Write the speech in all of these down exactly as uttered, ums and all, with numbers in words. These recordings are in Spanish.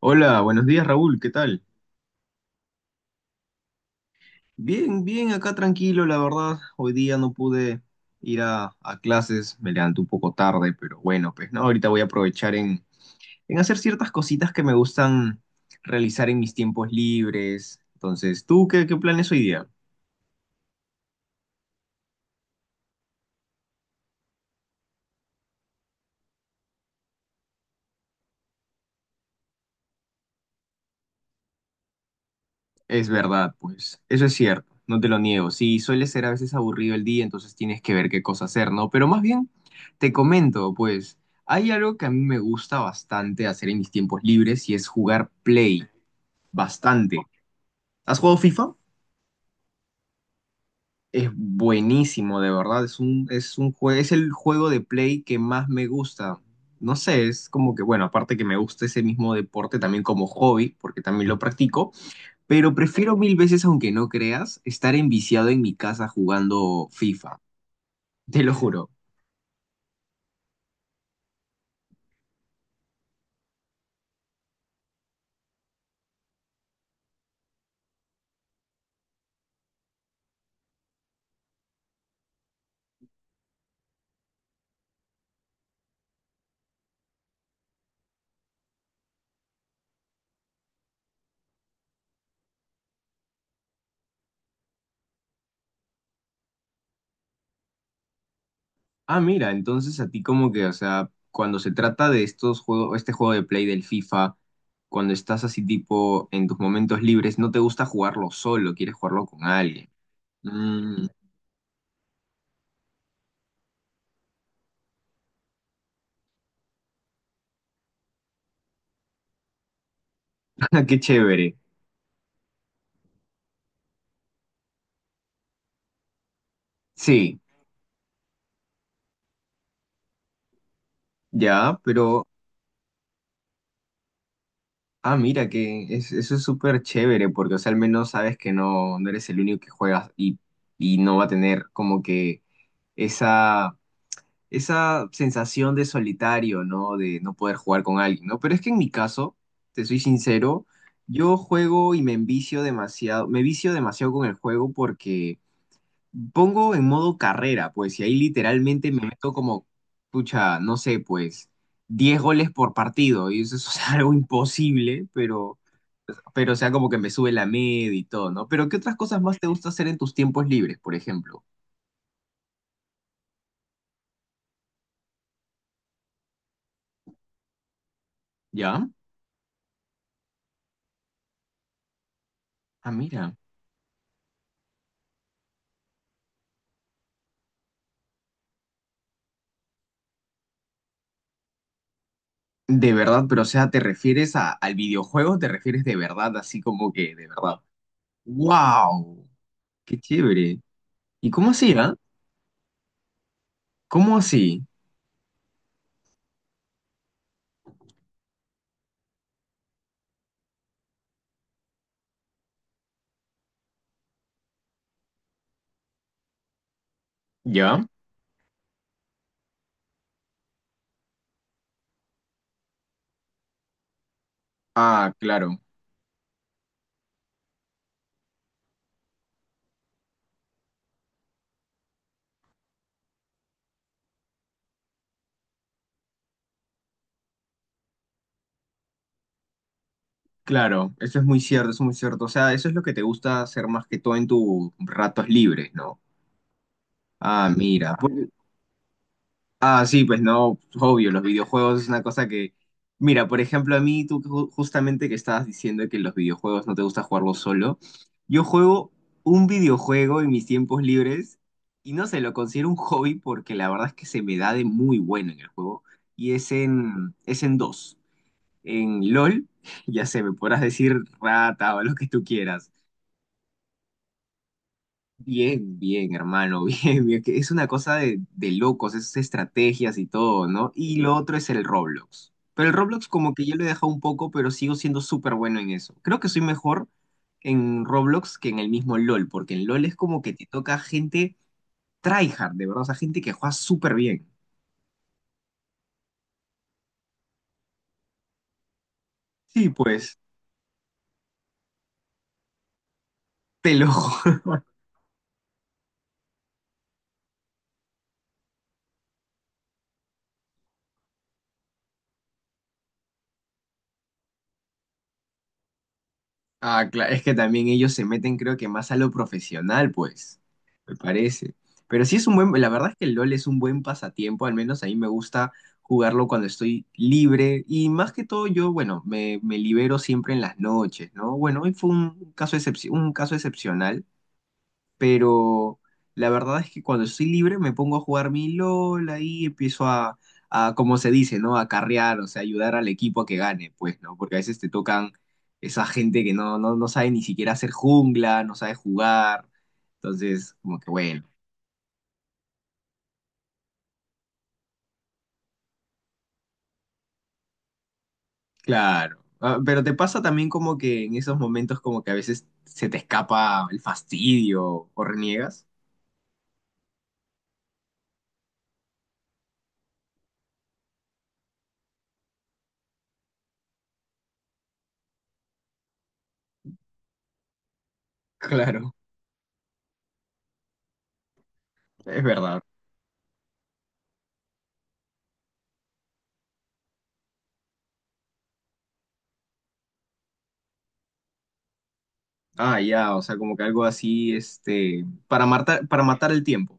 Hola, buenos días Raúl, ¿qué tal? Bien, bien, acá tranquilo, la verdad. Hoy día no pude ir a, a clases, me levanté un poco tarde, pero bueno, pues no, ahorita voy a aprovechar en, en hacer ciertas cositas que me gustan realizar en mis tiempos libres. Entonces, ¿tú qué, qué planes hoy día? Es verdad, pues, eso es cierto, no te lo niego. Sí, suele ser a veces aburrido el día, entonces tienes que ver qué cosa hacer, ¿no? Pero más bien, te comento, pues, hay algo que a mí me gusta bastante hacer en mis tiempos libres y es jugar Play. Bastante. ¿Has jugado F I F A? Es buenísimo, de verdad. Es un, es un jue- es el juego de play que más me gusta. No sé, es como que, bueno, aparte que me gusta ese mismo deporte también como hobby, porque también lo practico, pero prefiero mil veces, aunque no creas, estar enviciado en mi casa jugando F I F A. Te lo juro. Ah, mira, entonces a ti como que, o sea, cuando se trata de estos juegos, este juego de play del F I F A, cuando estás así tipo en tus momentos libres, no te gusta jugarlo solo, quieres jugarlo con alguien. Mm, qué chévere. Sí, ya, pero, ah, mira, que es- eso es súper chévere, porque, o sea, al menos sabes que no, no eres el único que juegas y, y no va a tener como que esa esa sensación de solitario, ¿no? De no poder jugar con alguien, ¿no? Pero es que en mi caso, te soy sincero, yo juego y me envicio demasiado, me vicio demasiado con el juego porque pongo en modo carrera, pues, y ahí literalmente me meto como, pucha, no sé, pues, diez goles por partido, y eso es algo imposible, pero, pero, o sea, como que me sube la media y todo, ¿no? Pero, ¿qué otras cosas más te gusta hacer en tus tiempos libres, por ejemplo? ¿Ya? Ah, mira. De verdad, pero o sea, ¿te refieres a- al videojuego? ¿Te refieres de verdad, así como que de verdad? ¡Wow! ¡Qué chévere! ¿Y cómo así, ah? ¿Cómo así? ¿Ya? Ah, claro, claro, eso es muy cierto, eso es muy cierto. O sea, eso es lo que te gusta hacer más que todo en tus ratos libres, ¿no? Ah, mira. Ah, sí, pues no, obvio, los videojuegos es una cosa que... Mira, por ejemplo, a mí tú ju- justamente que estabas diciendo que los videojuegos no te gusta jugarlos solo, yo juego un videojuego en mis tiempos libres y no sé, lo considero un hobby porque la verdad es que se me da de muy bueno en el juego y es en, es en dos, en L O L, ya sé, me podrás decir rata o lo que tú quieras. Bien, bien, hermano, bien, bien. Que Es una cosa de, de locos, esas estrategias y todo, ¿no? Y lo otro es el Roblox. Pero el Roblox como que yo lo he dejado un poco, pero sigo siendo súper bueno en eso. Creo que soy mejor en Roblox que en el mismo L O L, porque en L O L es como que te toca gente tryhard, de verdad, o sea, gente que juega súper bien. Sí, pues, te lo juro. Ah, claro, es que también ellos se meten creo que más a lo profesional, pues, me parece. Pero sí es un buen, la verdad es que el L O L es un buen pasatiempo, al menos a mí me gusta jugarlo cuando estoy libre y más que todo yo, bueno, me, me libero siempre en las noches, ¿no? Bueno, hoy fue un caso excep- un caso excepcional, pero la verdad es que cuando estoy libre me pongo a jugar mi L O L, ahí empiezo a, a como se dice, ¿no? A carrear, o sea, ayudar al equipo a que gane, pues, ¿no? Porque a veces te tocan esa gente que no, no, no sabe ni siquiera hacer jungla, no sabe jugar, entonces, como que bueno, claro. Ah, pero te pasa también como que en esos momentos como que a veces se te escapa el fastidio o reniegas. Claro, es verdad. Ah, ya, o sea, como que algo así, este, para matar, para matar el tiempo.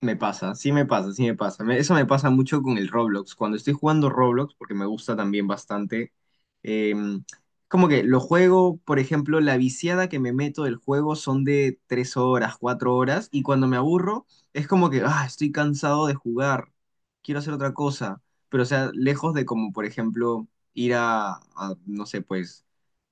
Me pasa, sí me pasa, sí me pasa. Me- eso me pasa mucho con el Roblox. Cuando estoy jugando Roblox, porque me gusta también bastante, eh, como que lo juego, por ejemplo, la viciada que me meto del juego son de tres horas, cuatro horas, y cuando me aburro, es como que, ah, estoy cansado de jugar, quiero hacer otra cosa. Pero, o sea, lejos de como, por ejemplo, ir a, a, no sé, pues,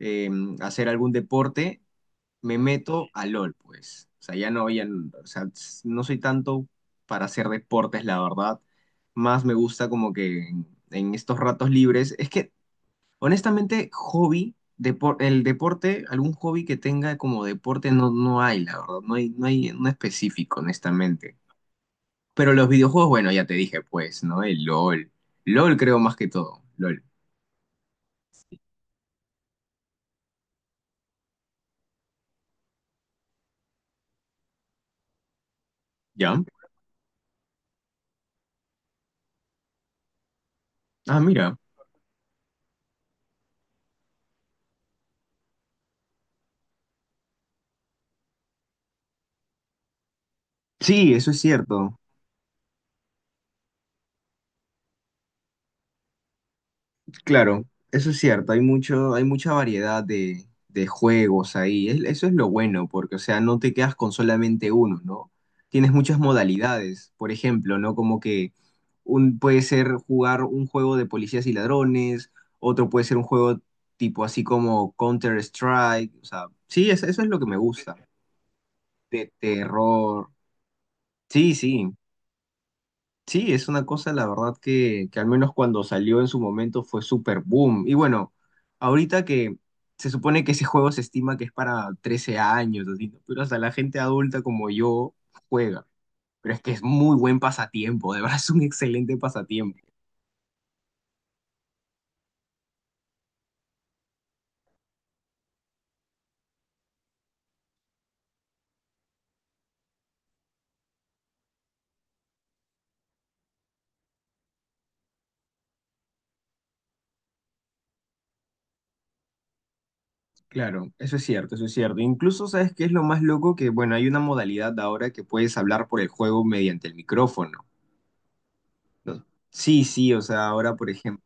eh, hacer algún deporte, me meto a L O L, pues. O sea, ya no, ya, n- o sea, s- no soy tanto para hacer deportes, la verdad. Más me gusta como que en, en estos ratos libres. Es que, honestamente, hobby, depor- el deporte, algún hobby que tenga como deporte no, no hay, la verdad. No hay, no hay uno específico, honestamente. Pero los videojuegos, bueno, ya te dije, pues, ¿no? El L O L. LOL creo más que todo. L O L. ¿Ya? Ah, mira. Sí, eso es cierto. Claro, eso es cierto, hay mucho, hay mucha variedad de, de juegos ahí. Es- eso es lo bueno, porque, o sea, no te quedas con solamente uno, ¿no? Tienes muchas modalidades, por ejemplo, ¿no? Como que un, puede ser jugar un juego de policías y ladrones, otro puede ser un juego tipo así como Counter-Strike, o sea, sí, es- eso es lo que me gusta, de terror. Sí, sí. Sí, es una cosa, la verdad, que, que al menos cuando salió en su momento fue super boom. Y bueno, ahorita que se supone que ese juego se estima que es para trece años, así, ¿no? Pero hasta la gente adulta como yo juega. Pero es que es muy buen pasatiempo, de verdad es un excelente pasatiempo. Claro, eso es cierto, eso es cierto. Incluso, ¿sabes qué es lo más loco? Que, bueno, hay una modalidad ahora que puedes hablar por el juego mediante el micrófono. ¿No? Sí, sí, o sea, ahora, por ejemplo...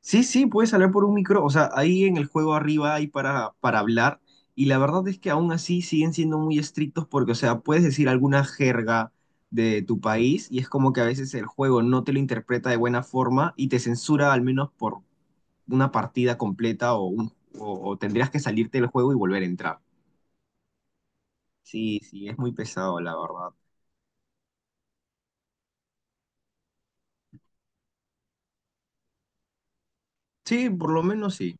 Sí, sí, puedes hablar por un micro, o sea, ahí en el juego arriba hay para, para hablar y la verdad es que aún así siguen siendo muy estrictos porque, o sea, puedes decir alguna jerga de tu país y es como que a veces el juego no te lo interpreta de buena forma y te censura al menos por una partida completa o, un- o, o tendrías que salirte del juego y volver a entrar. Sí, sí, es muy pesado, la verdad. Sí, por lo menos sí,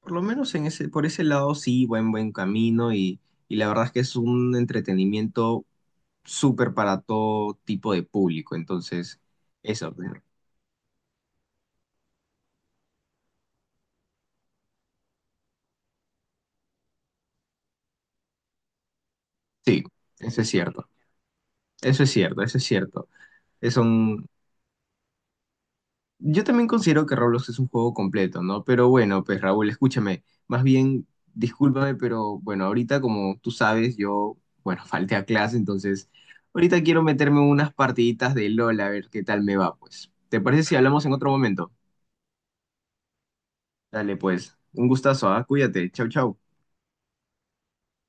por lo menos en ese, por ese lado sí, buen, buen camino y, y la verdad es que es un entretenimiento súper para todo tipo de público. Entonces, eso, pues, sí, eso es cierto. Eso es cierto, eso es cierto. Es un... Yo también considero que Roblox es un juego completo, ¿no? Pero bueno, pues Raúl, escúchame. Más bien, discúlpame, pero bueno, ahorita como tú sabes, yo, bueno, falté a clase, entonces ahorita quiero meterme unas partiditas de L O L a ver qué tal me va, pues. ¿Te parece si hablamos en otro momento? Dale, pues. Un gustazo, ¿ah? Cuídate. Chau, chau.